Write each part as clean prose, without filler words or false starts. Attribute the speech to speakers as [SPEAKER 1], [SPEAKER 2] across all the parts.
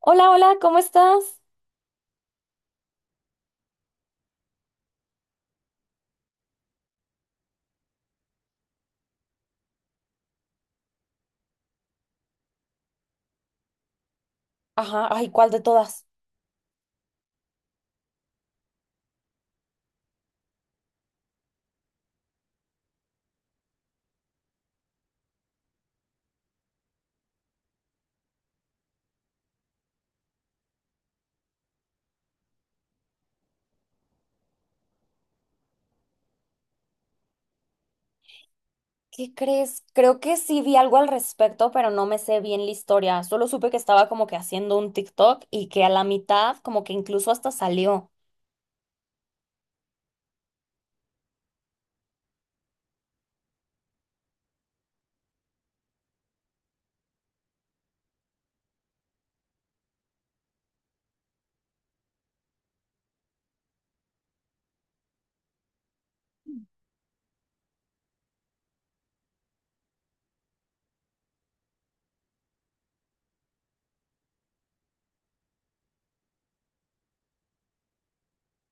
[SPEAKER 1] Hola, hola, ¿cómo estás? Ajá, ay, ¿cuál de todas? ¿Qué crees? Creo que sí vi algo al respecto, pero no me sé bien la historia. Solo supe que estaba como que haciendo un TikTok y que a la mitad como que incluso hasta salió.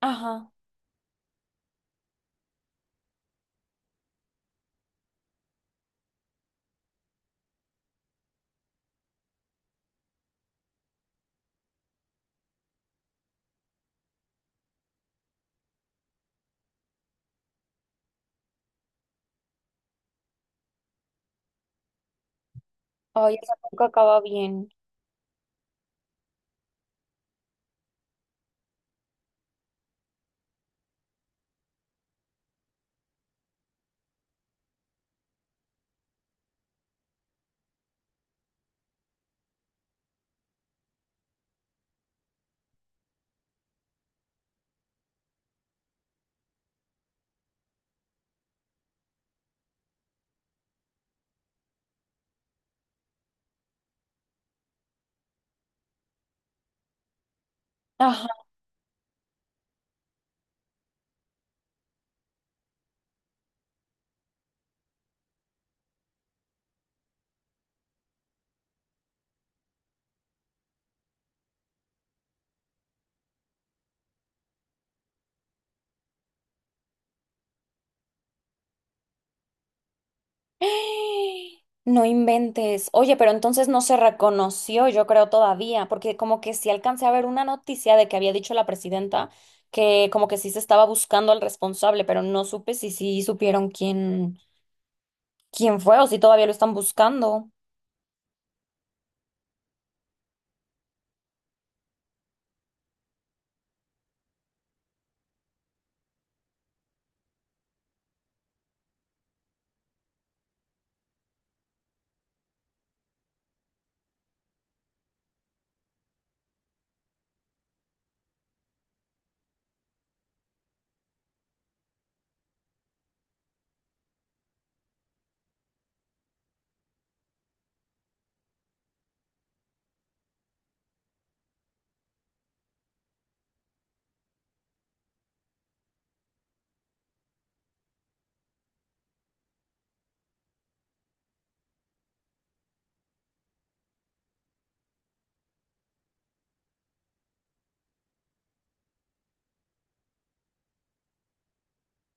[SPEAKER 1] Ajá. Ay, eso nunca acaba bien. Ajá. No inventes. Oye, pero entonces no se reconoció, yo creo todavía, porque como que sí alcancé a ver una noticia de que había dicho la presidenta que como que sí se estaba buscando al responsable, pero no supe si sí supieron quién. Quién fue o si todavía lo están buscando.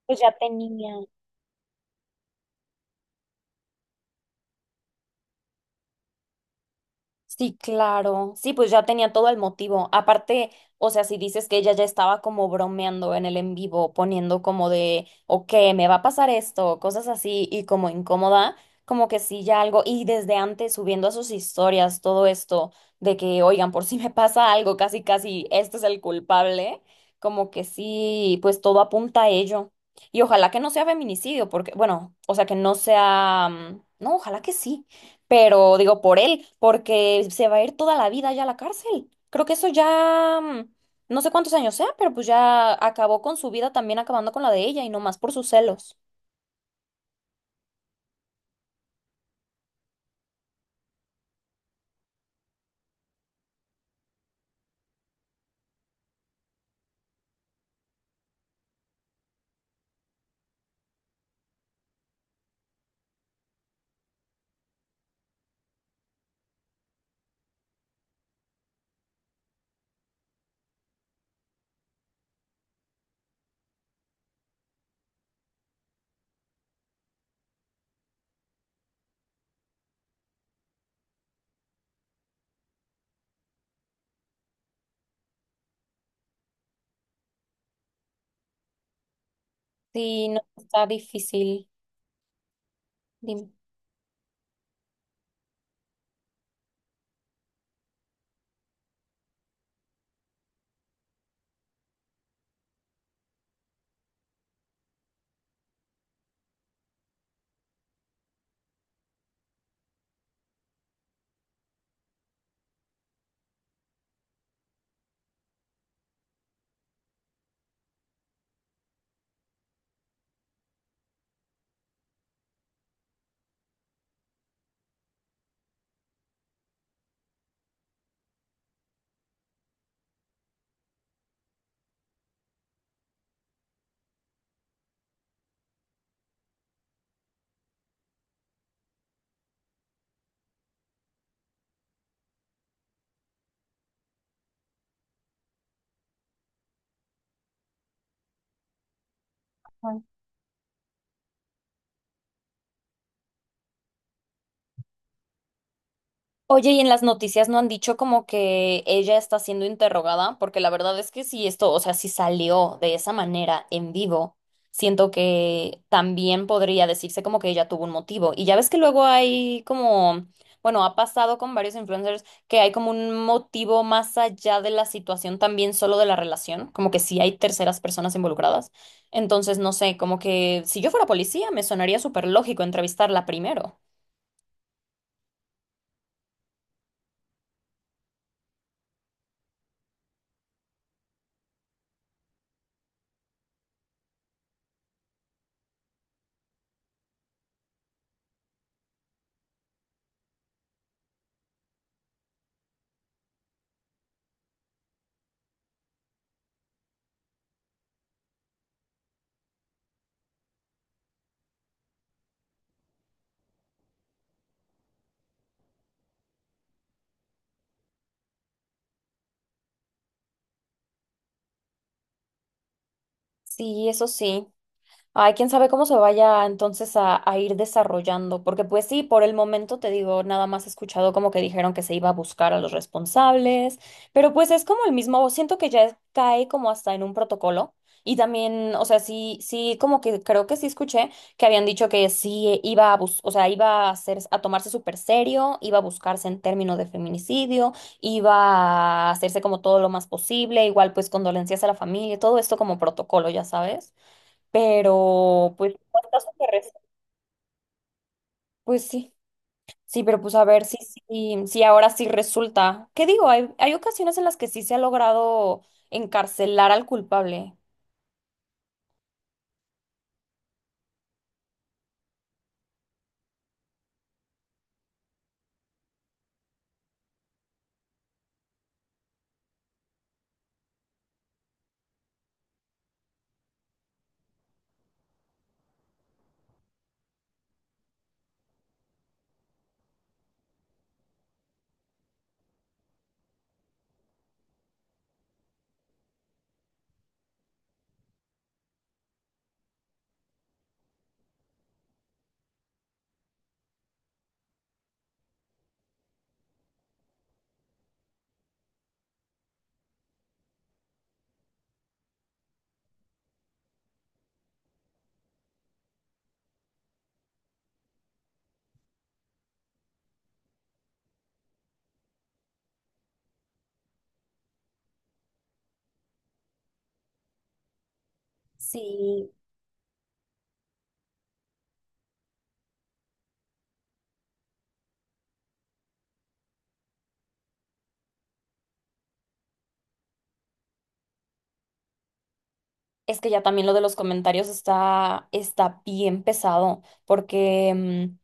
[SPEAKER 1] Pues ya tenía. Sí, claro. Sí, pues ya tenía todo el motivo. Aparte, o sea, si dices que ella ya estaba como bromeando en el en vivo, poniendo como de, ok, me va a pasar esto, cosas así, y como incómoda, como que sí, ya algo, y desde antes subiendo a sus historias todo esto de que, oigan, por si me pasa algo, casi, casi, este es el culpable, como que sí, pues todo apunta a ello. Y ojalá que no sea feminicidio, porque, bueno, o sea, que no sea, no, ojalá que sí, pero digo por él, porque se va a ir toda la vida ya a la cárcel. Creo que eso ya, no sé cuántos años sea, pero pues ya acabó con su vida también acabando con la de ella y no más por sus celos. Sí, no, está difícil. Dime. Oye, y en las noticias no han dicho como que ella está siendo interrogada, porque la verdad es que si esto, o sea, si salió de esa manera en vivo, siento que también podría decirse como que ella tuvo un motivo. Y ya ves que luego hay como, bueno, ha pasado con varios influencers que hay como un motivo más allá de la situación también solo de la relación, como que sí hay terceras personas involucradas. Entonces, no sé, como que si yo fuera policía, me sonaría súper lógico entrevistarla primero. Sí, eso sí. Ay, quién sabe cómo se vaya entonces a ir desarrollando, porque pues sí, por el momento te digo, nada más he escuchado como que dijeron que se iba a buscar a los responsables, pero pues es como el mismo, siento que ya es- cae como hasta en un protocolo y también, o sea, sí, sí, como que creo que sí escuché que habían dicho que sí iba a bus, o sea, iba a hacer, a tomarse súper serio, iba a buscarse en términos de feminicidio, iba a hacerse como todo lo más posible, igual pues condolencias a la familia, todo esto como protocolo, ya sabes. Pero pues ¿cuántas se res- Pues sí, sí, pero pues a ver si sí sí, ahora sí resulta. ¿Qué digo? Hay ocasiones en las que sí se ha logrado encarcelar al culpable. Sí. Es que ya también lo de los comentarios está, está bien pesado, porque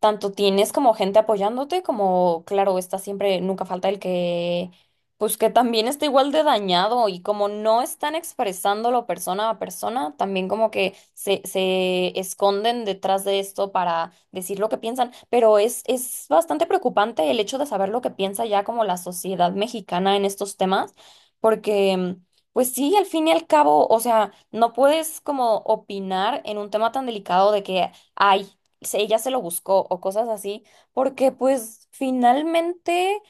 [SPEAKER 1] tanto tienes como gente apoyándote, como, claro, está siempre, nunca falta el que, pues que también está igual de dañado y como no están expresándolo persona a persona, también como que se esconden detrás de esto para decir lo que piensan, pero es bastante preocupante el hecho de saber lo que piensa ya como la sociedad mexicana en estos temas, porque pues sí, al fin y al cabo, o sea, no puedes como opinar en un tema tan delicado de que, ay, se- ella se lo buscó o cosas así, porque pues finalmente,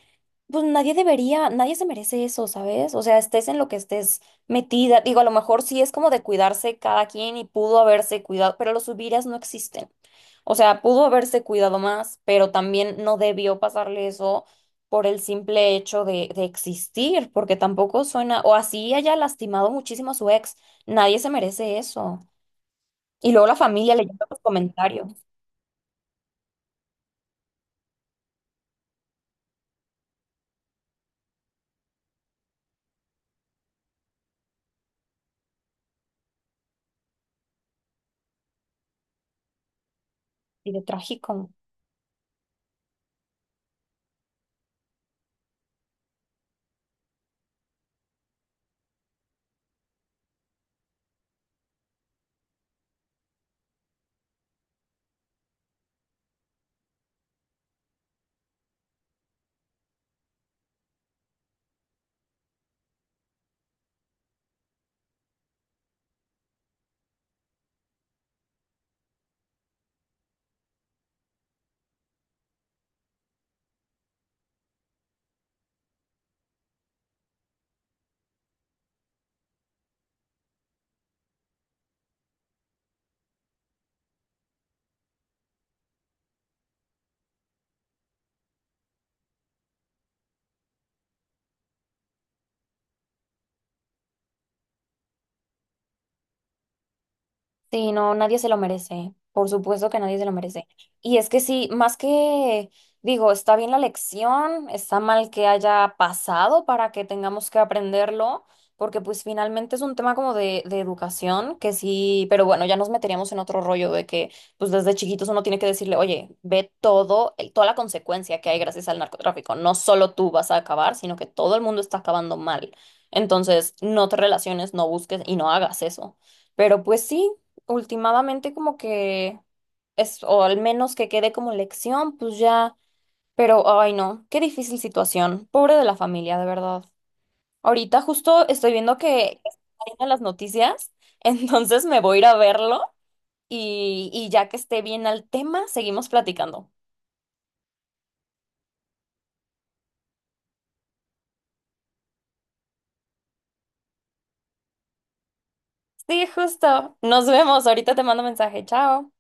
[SPEAKER 1] pues nadie debería, nadie se merece eso, ¿sabes? O sea, estés en lo que estés metida, digo, a lo mejor sí es como de cuidarse cada quien y pudo haberse cuidado, pero los hubieras no existen. O sea, pudo haberse cuidado más, pero también no debió pasarle eso por el simple hecho de existir, porque tampoco suena, o así haya lastimado muchísimo a su ex, nadie se merece eso. Y luego la familia leyendo los comentarios, y de trágico. Sí, no, nadie se lo merece. Por supuesto que nadie se lo merece. Y es que sí, más que, digo, está bien la lección, está mal que haya pasado para que tengamos que aprenderlo, porque pues finalmente es un tema como de educación, que sí, pero bueno, ya nos meteríamos en otro rollo de que pues desde chiquitos uno tiene que decirle, oye, ve todo, el- toda la consecuencia que hay gracias al narcotráfico. No solo tú vas a acabar, sino que todo el mundo está acabando mal. Entonces, no te relaciones, no busques y no hagas eso. Pero pues sí, últimamente como que es, o al menos que quede como lección, pues ya, pero ay no, qué difícil situación, pobre de la familia, de verdad. Ahorita justo estoy viendo que están saliendo las noticias, entonces me voy a ir a verlo y ya que esté bien al tema, seguimos platicando. Sí, justo. Nos vemos. Ahorita te mando mensaje. Chao.